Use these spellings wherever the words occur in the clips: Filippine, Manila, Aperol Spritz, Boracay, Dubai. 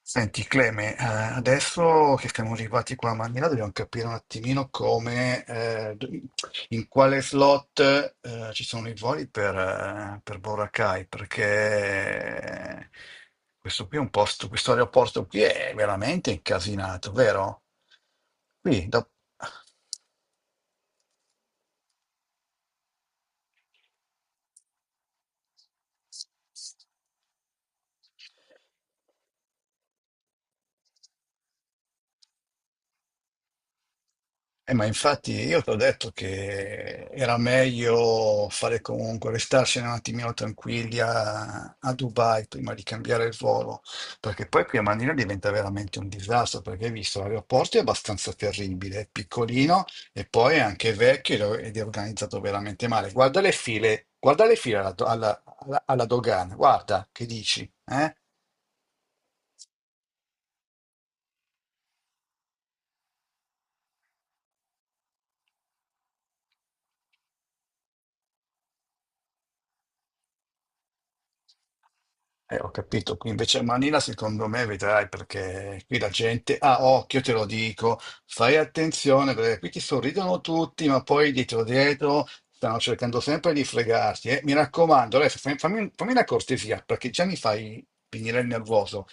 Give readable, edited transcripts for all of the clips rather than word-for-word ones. Senti Cleme, adesso che siamo arrivati qua a Manila dobbiamo capire un attimino come, in quale slot ci sono i voli per Boracay, perché questo qui è un posto, questo aeroporto qui è veramente incasinato, vero? Qui, da... ma infatti io ti ho detto che era meglio fare comunque, restarsene un attimino tranquilli a Dubai prima di cambiare il volo, perché poi qui a Manino diventa veramente un disastro, perché hai visto l'aeroporto è abbastanza terribile, è piccolino e poi è anche vecchio ed è organizzato veramente male. Guarda le file alla, do- alla- alla- alla dogana, guarda che dici, eh? Ho capito, qui invece a Manila secondo me vedrai perché qui la gente, ah occhio te lo dico, fai attenzione perché qui ti sorridono tutti ma poi dietro dietro stanno cercando sempre di fregarti. Mi raccomando, adesso fammi, fammi una cortesia perché già mi fai venire il nervoso.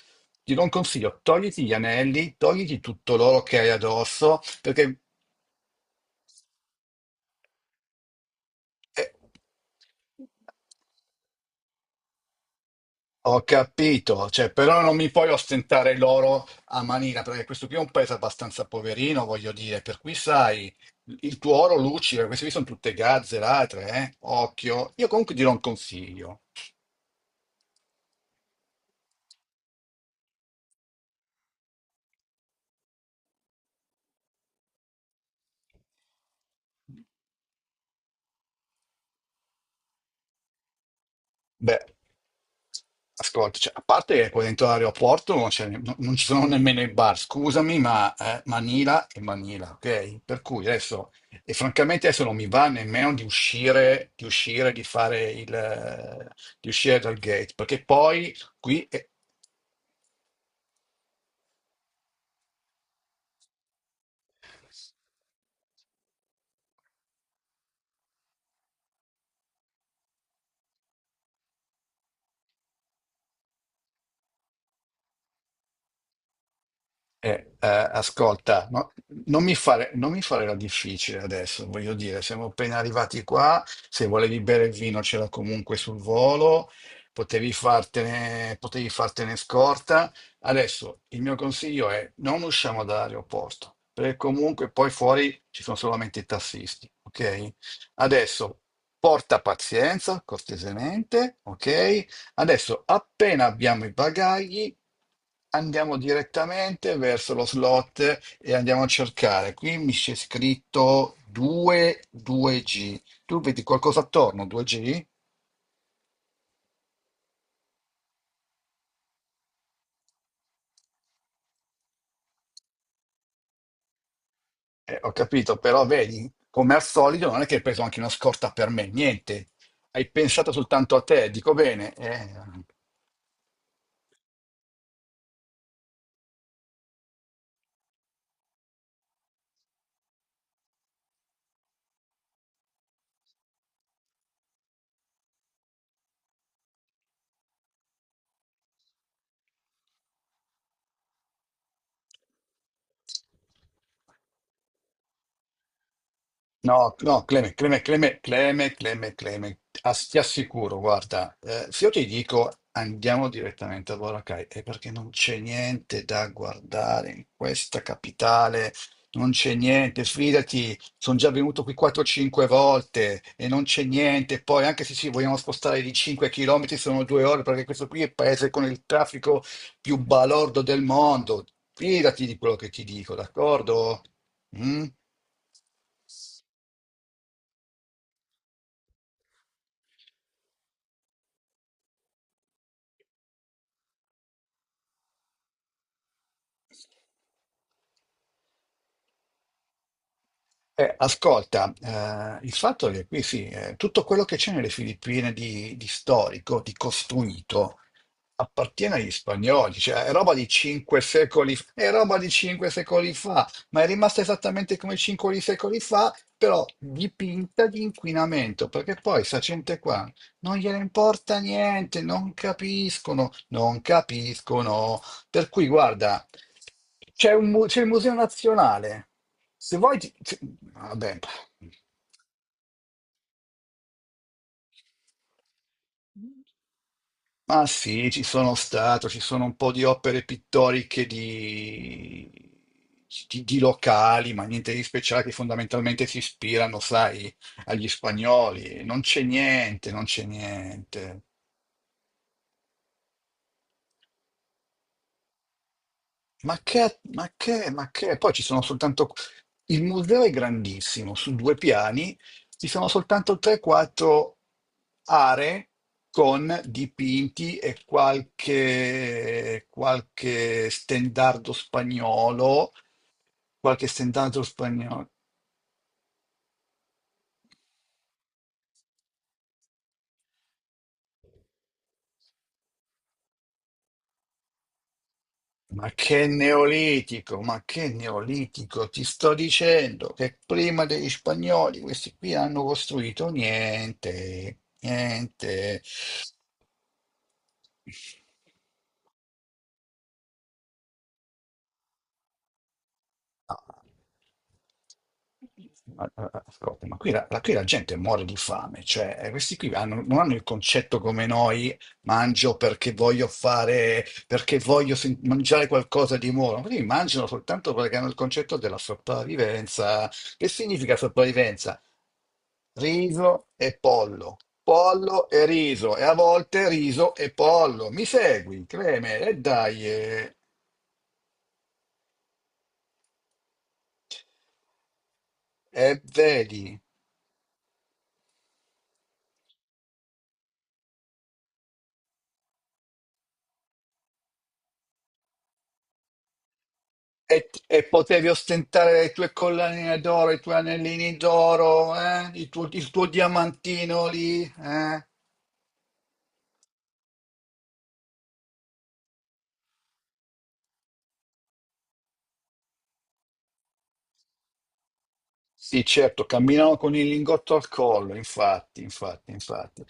Ti do un consiglio, togliti gli anelli, togliti tutto l'oro che hai addosso perché... eh, Ho capito, cioè, però non mi puoi ostentare l'oro a manina, perché questo qui è un paese abbastanza poverino, voglio dire, per cui sai, il tuo oro luccica, queste qui sono tutte gazze, latre, eh? Occhio. Io comunque dirò un consiglio. Beh, ascolta, cioè, a parte che qua dentro l'aeroporto non, c'è- no- non ci sono nemmeno i bar, scusami, ma Manila è Manila, ok? Per cui adesso, e francamente adesso non mi va nemmeno di uscire, di uscire, di fare il, di uscire dal gate, perché poi qui è- ascolta, no- non mi fare la difficile adesso, voglio dire, siamo appena arrivati qua, se volevi bere il vino c'era comunque sul volo, potevi fartene scorta. Adesso il mio consiglio è non usciamo dall'aeroporto, perché comunque poi fuori ci sono solamente i tassisti, ok? Adesso porta pazienza, cortesemente, ok? Adesso, appena abbiamo i bagagli, andiamo direttamente verso lo slot e andiamo a cercare. Qui mi c'è scritto 2, 2G. Tu vedi qualcosa attorno, 2G? Ho capito, però vedi, come al solito non è che hai preso anche una scorta per me, niente. Hai pensato soltanto a te, dico bene. No, no, Cleme, Cleme, Cleme, Cleme, Cleme, Cleme, ti assicuro, guarda, se io ti dico andiamo direttamente a Boracay, è perché non c'è niente da guardare in questa capitale, non c'è niente, fidati, sono già venuto qui 4-5 volte e non c'è niente, poi anche se ci vogliamo spostare di 5 km sono 2 ore, perché questo qui è il paese con il traffico più balordo del mondo, fidati di quello che ti dico, d'accordo? Mm? Ascolta, il fatto è che qui sì, tutto quello che c'è nelle Filippine di storico, di costruito, appartiene agli spagnoli, cioè è roba di 5 secoli, è roba di cinque secoli fa, ma è rimasta esattamente come 5 secoli fa, però dipinta di inquinamento, perché poi sta gente qua non gliene importa niente, non capiscono, non capiscono. Per cui, guarda, c'è il Museo Nazionale. Se vuoi, vabbè, ma sì, ci sono stato, ci sono un po' di opere pittoriche di, di locali, ma niente di speciale, che fondamentalmente si ispirano, sai, agli spagnoli. Non c'è niente, non c'è niente. Ma che, ma che, ma che? Poi ci sono soltanto... Il museo è grandissimo, su due piani, ci sono soltanto 3-4 aree con dipinti e qualche stendardo spagnolo, qualche stendardo spagnolo. Ma che neolitico, ti sto dicendo che prima degli spagnoli questi qui hanno costruito niente, niente. Ah, ascolta, ma qui qui la gente muore di fame, cioè questi qui non hanno il concetto come noi, mangio perché voglio mangiare qualcosa di buono, quindi mangiano soltanto perché hanno il concetto della sopravvivenza. Che significa sopravvivenza? Riso e pollo, pollo e riso, e a volte riso e pollo. Mi segui, Creme? E dai, e vedi. E potevi ostentare le tue collanine d'oro, i tuoi anellini d'oro, eh? Il tuo diamantino lì, eh? Sì, certo, camminavo con il lingotto al collo, infatti, infatti, infatti.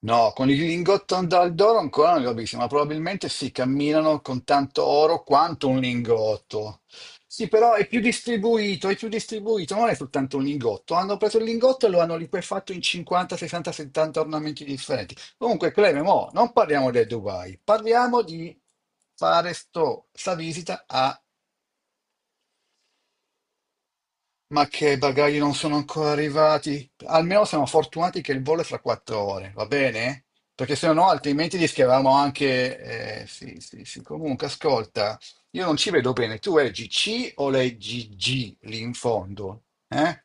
No, con il lingotto dal d'oro ancora non li ho visti, ma probabilmente si camminano con tanto oro quanto un lingotto. Sì, però è più distribuito, non è soltanto un lingotto. Hanno preso il lingotto e lo hanno liquefatto in 50, 60, 70 ornamenti differenti. Comunque, Cleme, mo, non parliamo del Dubai, parliamo di fare sta visita a Ma che i bagagli non sono ancora arrivati? Almeno siamo fortunati che il volo è fra 4 ore, va bene? Perché se no, altrimenti rischiavamo anche. Sì, sì, sì. Comunque, ascolta, io non ci vedo bene. Tu leggi C o leggi G lì in fondo? Eh?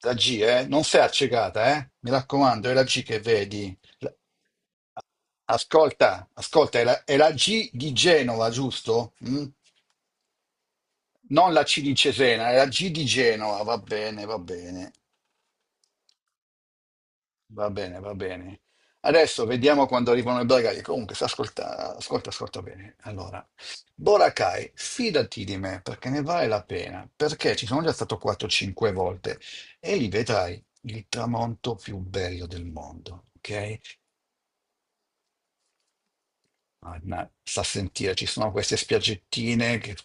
La G, eh? Non sei accecata, eh? Mi raccomando, è la G che vedi. Ascolta, ascolta, è la G di Genova, giusto? Mm? Non la C di Cesena, è la G di Genova, va bene, va bene. Va bene, va bene. Adesso vediamo quando arrivano i bagagli. Comunque, sta ascolta, ascolta, ascolta bene. Allora, Boracay, fidati di me perché ne vale la pena, perché ci sono già stato 4-5 volte e lì vedrai il tramonto più bello del mondo, ok? Anna, sta a sentire, ci sono queste spiaggettine che,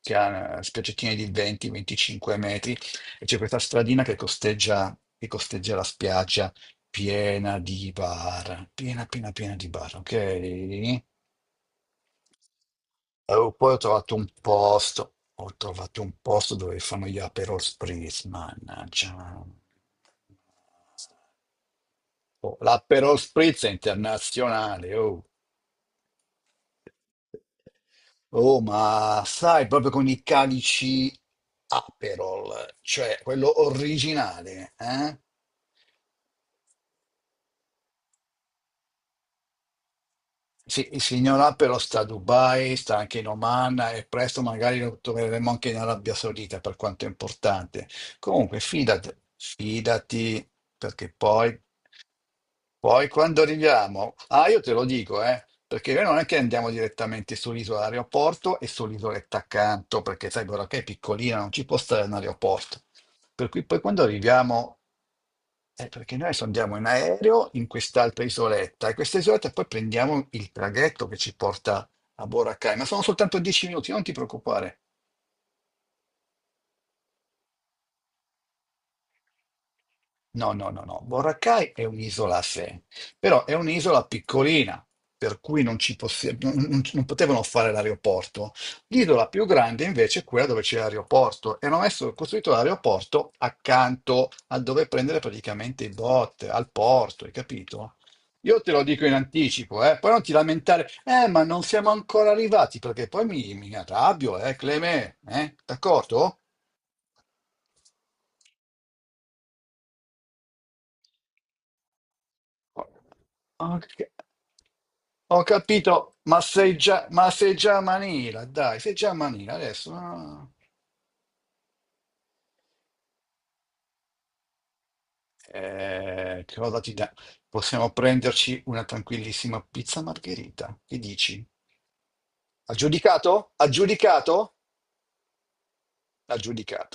spiaggettine di 20-25 metri e c'è questa stradina che costeggia la spiaggia piena di bar, piena, piena, piena di bar, ok? E poi ho trovato un posto, ho trovato un posto dove fanno gli Aperol Spritz, mannaggia. Oh, l'Aperol Spritz è internazionale, oh. Oh, ma stai proprio con i calici Aperol, cioè quello originale, eh? Sì, il signor Aperol sta a Dubai, sta anche in Oman e presto magari lo troveremo anche in Arabia Saudita, per quanto è importante. Comunque, fidati, fidati, perché poi quando arriviamo, ah, io te lo dico, perché noi non è che andiamo direttamente sull'isola aeroporto e sull'isoletta accanto, perché sai, però che è piccolina, non ci può stare un aeroporto. Per cui poi quando arriviamo, perché noi adesso andiamo in aereo in quest'altra isoletta, e questa isoletta poi prendiamo il traghetto che ci porta a Boracay, ma sono soltanto 10 minuti, non ti preoccupare. No, no, no, no. Boracay è un'isola a sé, però è un'isola piccolina, per cui non, ci possi- non- non- non potevano fare l'aeroporto. L'isola più grande invece è quella dove c'è l'aeroporto e hanno messo, costruito l'aeroporto accanto a dove prendere praticamente i bot, al porto, hai capito? Io te lo dico in anticipo, eh? Poi non ti lamentare, ma non siamo ancora arrivati, perché poi mi arrabbio, Cleme, eh? D'accordo? Ok. Ho capito, ma sei già a Manila, dai, sei già a Manila adesso. No? no, no. Che cosa ti dà? Possiamo prenderci una tranquillissima pizza margherita. Che dici? Aggiudicato? Aggiudicato? Aggiudicato.